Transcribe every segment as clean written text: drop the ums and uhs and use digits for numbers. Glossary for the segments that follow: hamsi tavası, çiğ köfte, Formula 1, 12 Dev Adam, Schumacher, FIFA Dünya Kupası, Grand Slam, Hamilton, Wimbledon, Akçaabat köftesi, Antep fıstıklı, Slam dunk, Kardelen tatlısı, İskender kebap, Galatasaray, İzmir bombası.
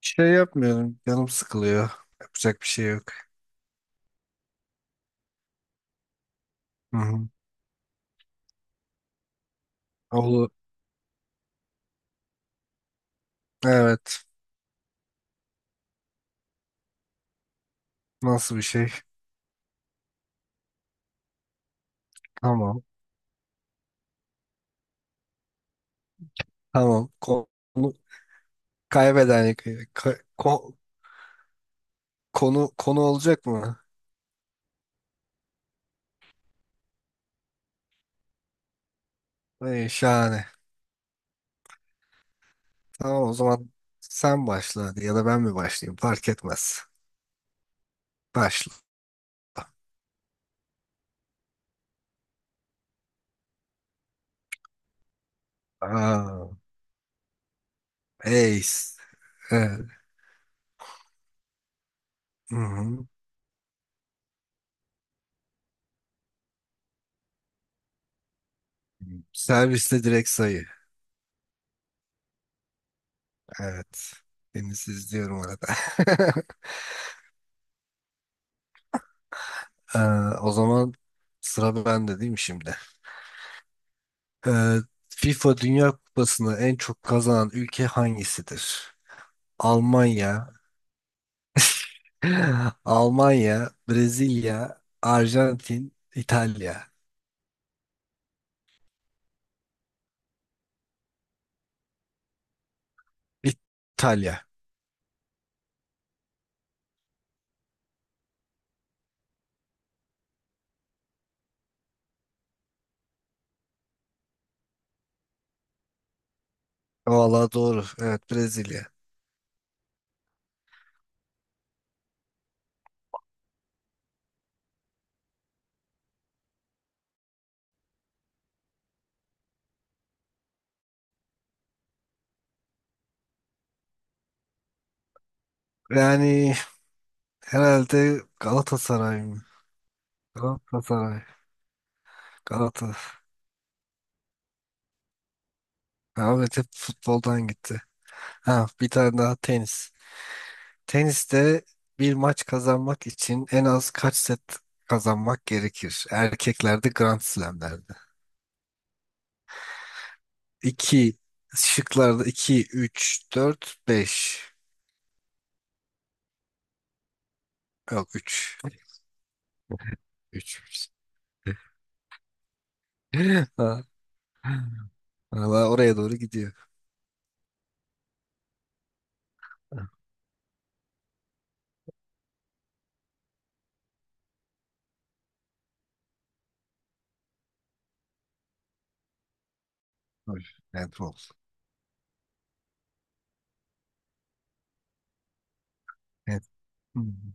Şey yapmıyorum. Canım sıkılıyor. Yapacak bir şey yok. Hı hı. Oğlu. Evet. Nasıl bir şey? Tamam. Tamam. Konu kaybeden yıkıyor. Konu olacak mı? Ay, şahane. Tamam o zaman sen başla hadi ya da ben mi başlayayım? Fark etmez. Başla. Aa, ace. Evet. Hı hı. Serviste direkt sayı. Evet. Deniz izliyorum arada. Ee, o zaman sıra bende değil mi şimdi? Ee, FIFA Dünya Kupası'nı en çok kazanan ülke hangisidir? Almanya, Almanya, Brezilya, Arjantin, İtalya. İtalya. Valla doğru. Evet, Brezilya. Yani herhalde Galatasaray mı? Galatasaray. Galatasaray. Ahmet hep futboldan gitti. Ha, bir tane daha tenis. Teniste bir maç kazanmak için en az kaç set kazanmak gerekir? Erkeklerde Grand Slam'lerde. 2, şıklarda 2, 3, 4, 5. Yok, üç. 3. Valla oraya doğru gidiyor. Hoş. Handball. Hand- Hmm.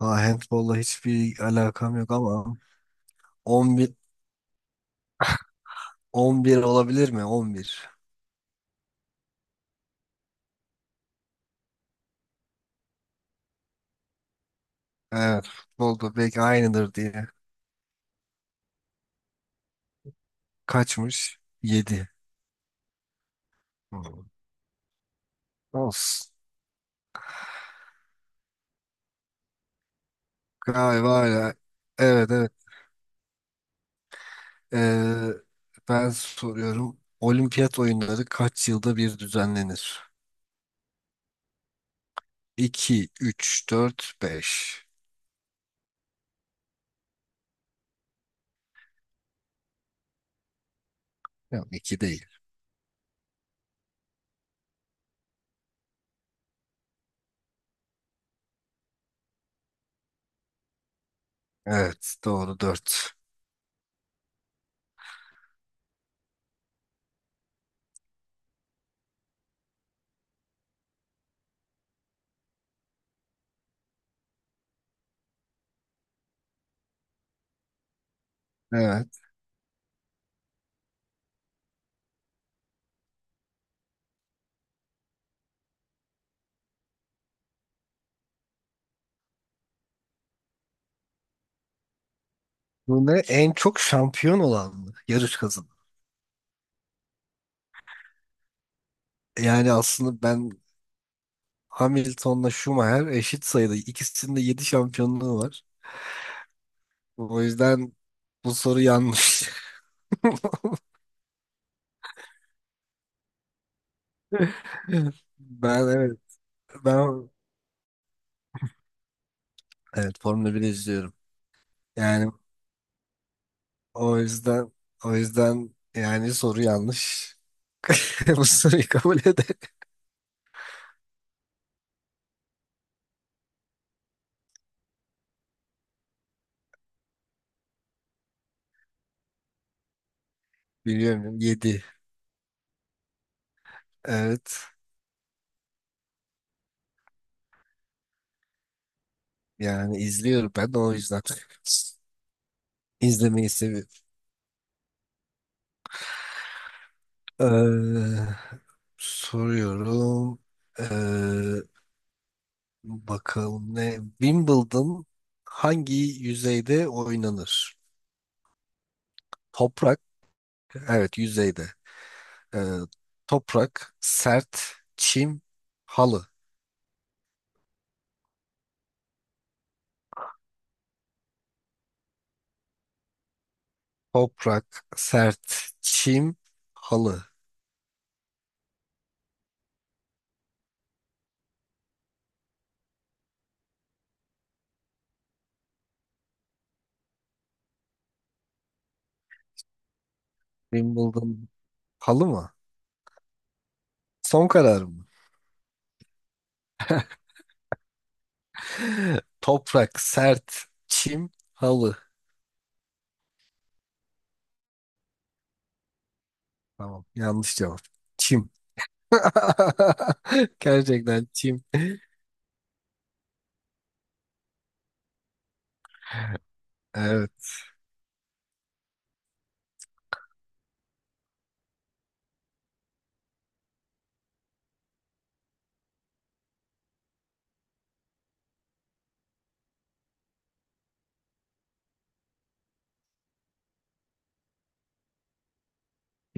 Handball'la hiçbir alakam yok ama 11, 11 olabilir mi? 11. Evet. Futbolda belki aynıdır diye. Kaçmış? Yedi. Hmm. Of. Galiba öyle. Evet, evet. Ee, ben soruyorum. Olimpiyat oyunları kaç yılda bir düzenlenir? 2, 3, 4, 5. Yok, iki değil. Evet, doğru, dört. Evet. Bu ne? En çok şampiyon olan mı? Yarış kazan. Yani aslında ben Hamilton'la Schumacher eşit sayıda. İkisinin de 7 şampiyonluğu var. O yüzden bu soru yanlış. Ben, evet. Ben, evet, Formula 1 izliyorum. Yani o yüzden o yüzden yani soru yanlış. Bu soruyu kabul eder. Biliyorum, yedi. Evet. Yani izliyorum ben de o yüzden. İzlemeyi seviyorum. Ee, soruyorum. Ee, bakalım ne? Wimbledon hangi yüzeyde oynanır? Toprak. Evet, yüzeyde. Ee, toprak, sert, çim, halı. Toprak, sert, çim, halı. Wimbledon halı mı? Son karar mı? Toprak, sert, çim, halı. Tamam, yanlış cevap. Çim. Gerçekten çim. Evet,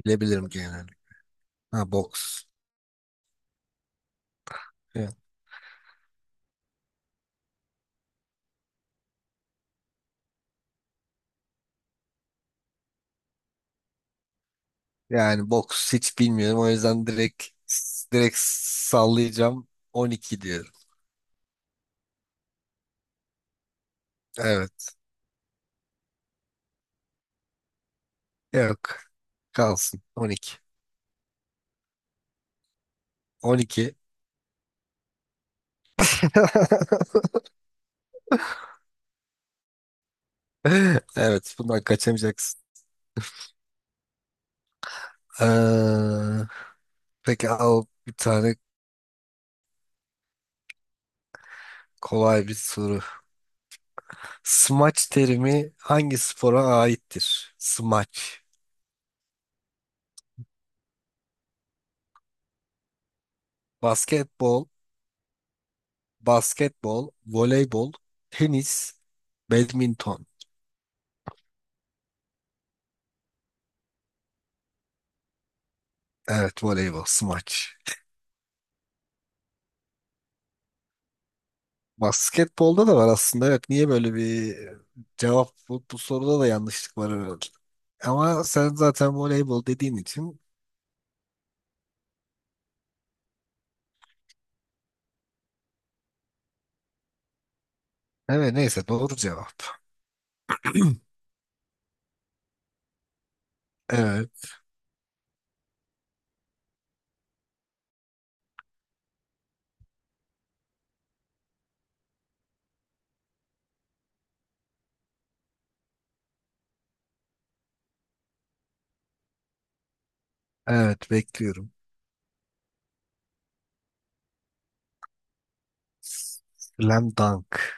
bilebilirim genelde. Ha, boks. Evet. Yani boks hiç bilmiyorum. O yüzden direkt sallayacağım. 12 diyorum. Evet. Yok. Kalsın. 12. 12. Evet, bundan kaçamayacaksın. Ee, peki al bir tane kolay bir soru. Smaç terimi hangi spora aittir? Smaç. Basketbol, basketbol, voleybol, tenis, badminton. Evet, voleybol, smaç. Basketbolda da var aslında. Evet, niye böyle bir cevap Bu, soruda da yanlışlık var herhalde. Ama sen zaten voleybol dediğin için, evet, neyse, doğru cevap. Evet, evet, bekliyorum. Slam dunk.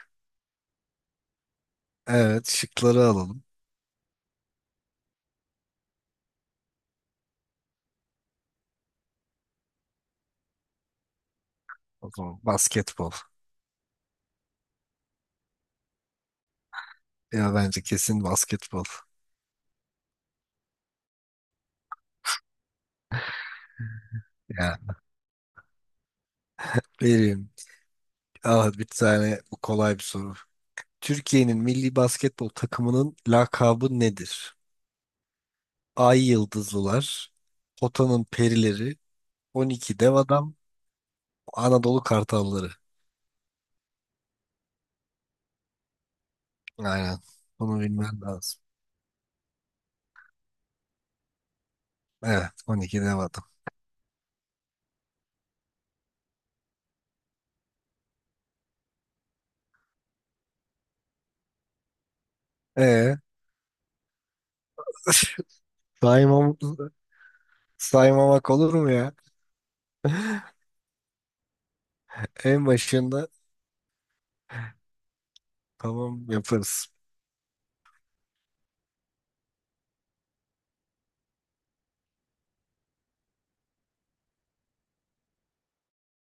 Evet, şıkları alalım. O zaman basketbol. Ya, bence kesin basketbol. Yani vereyim. Ah, bir tane bu, kolay bir soru. Türkiye'nin milli basketbol takımının lakabı nedir? Ay Yıldızlılar, Potanın Perileri, 12 Dev Adam, Anadolu Kartalları. Aynen. Bunu bilmen lazım. Evet, 12 Dev Adam. Ee, Saymam, saymamak olur mu ya? En başında, tamam, yaparız.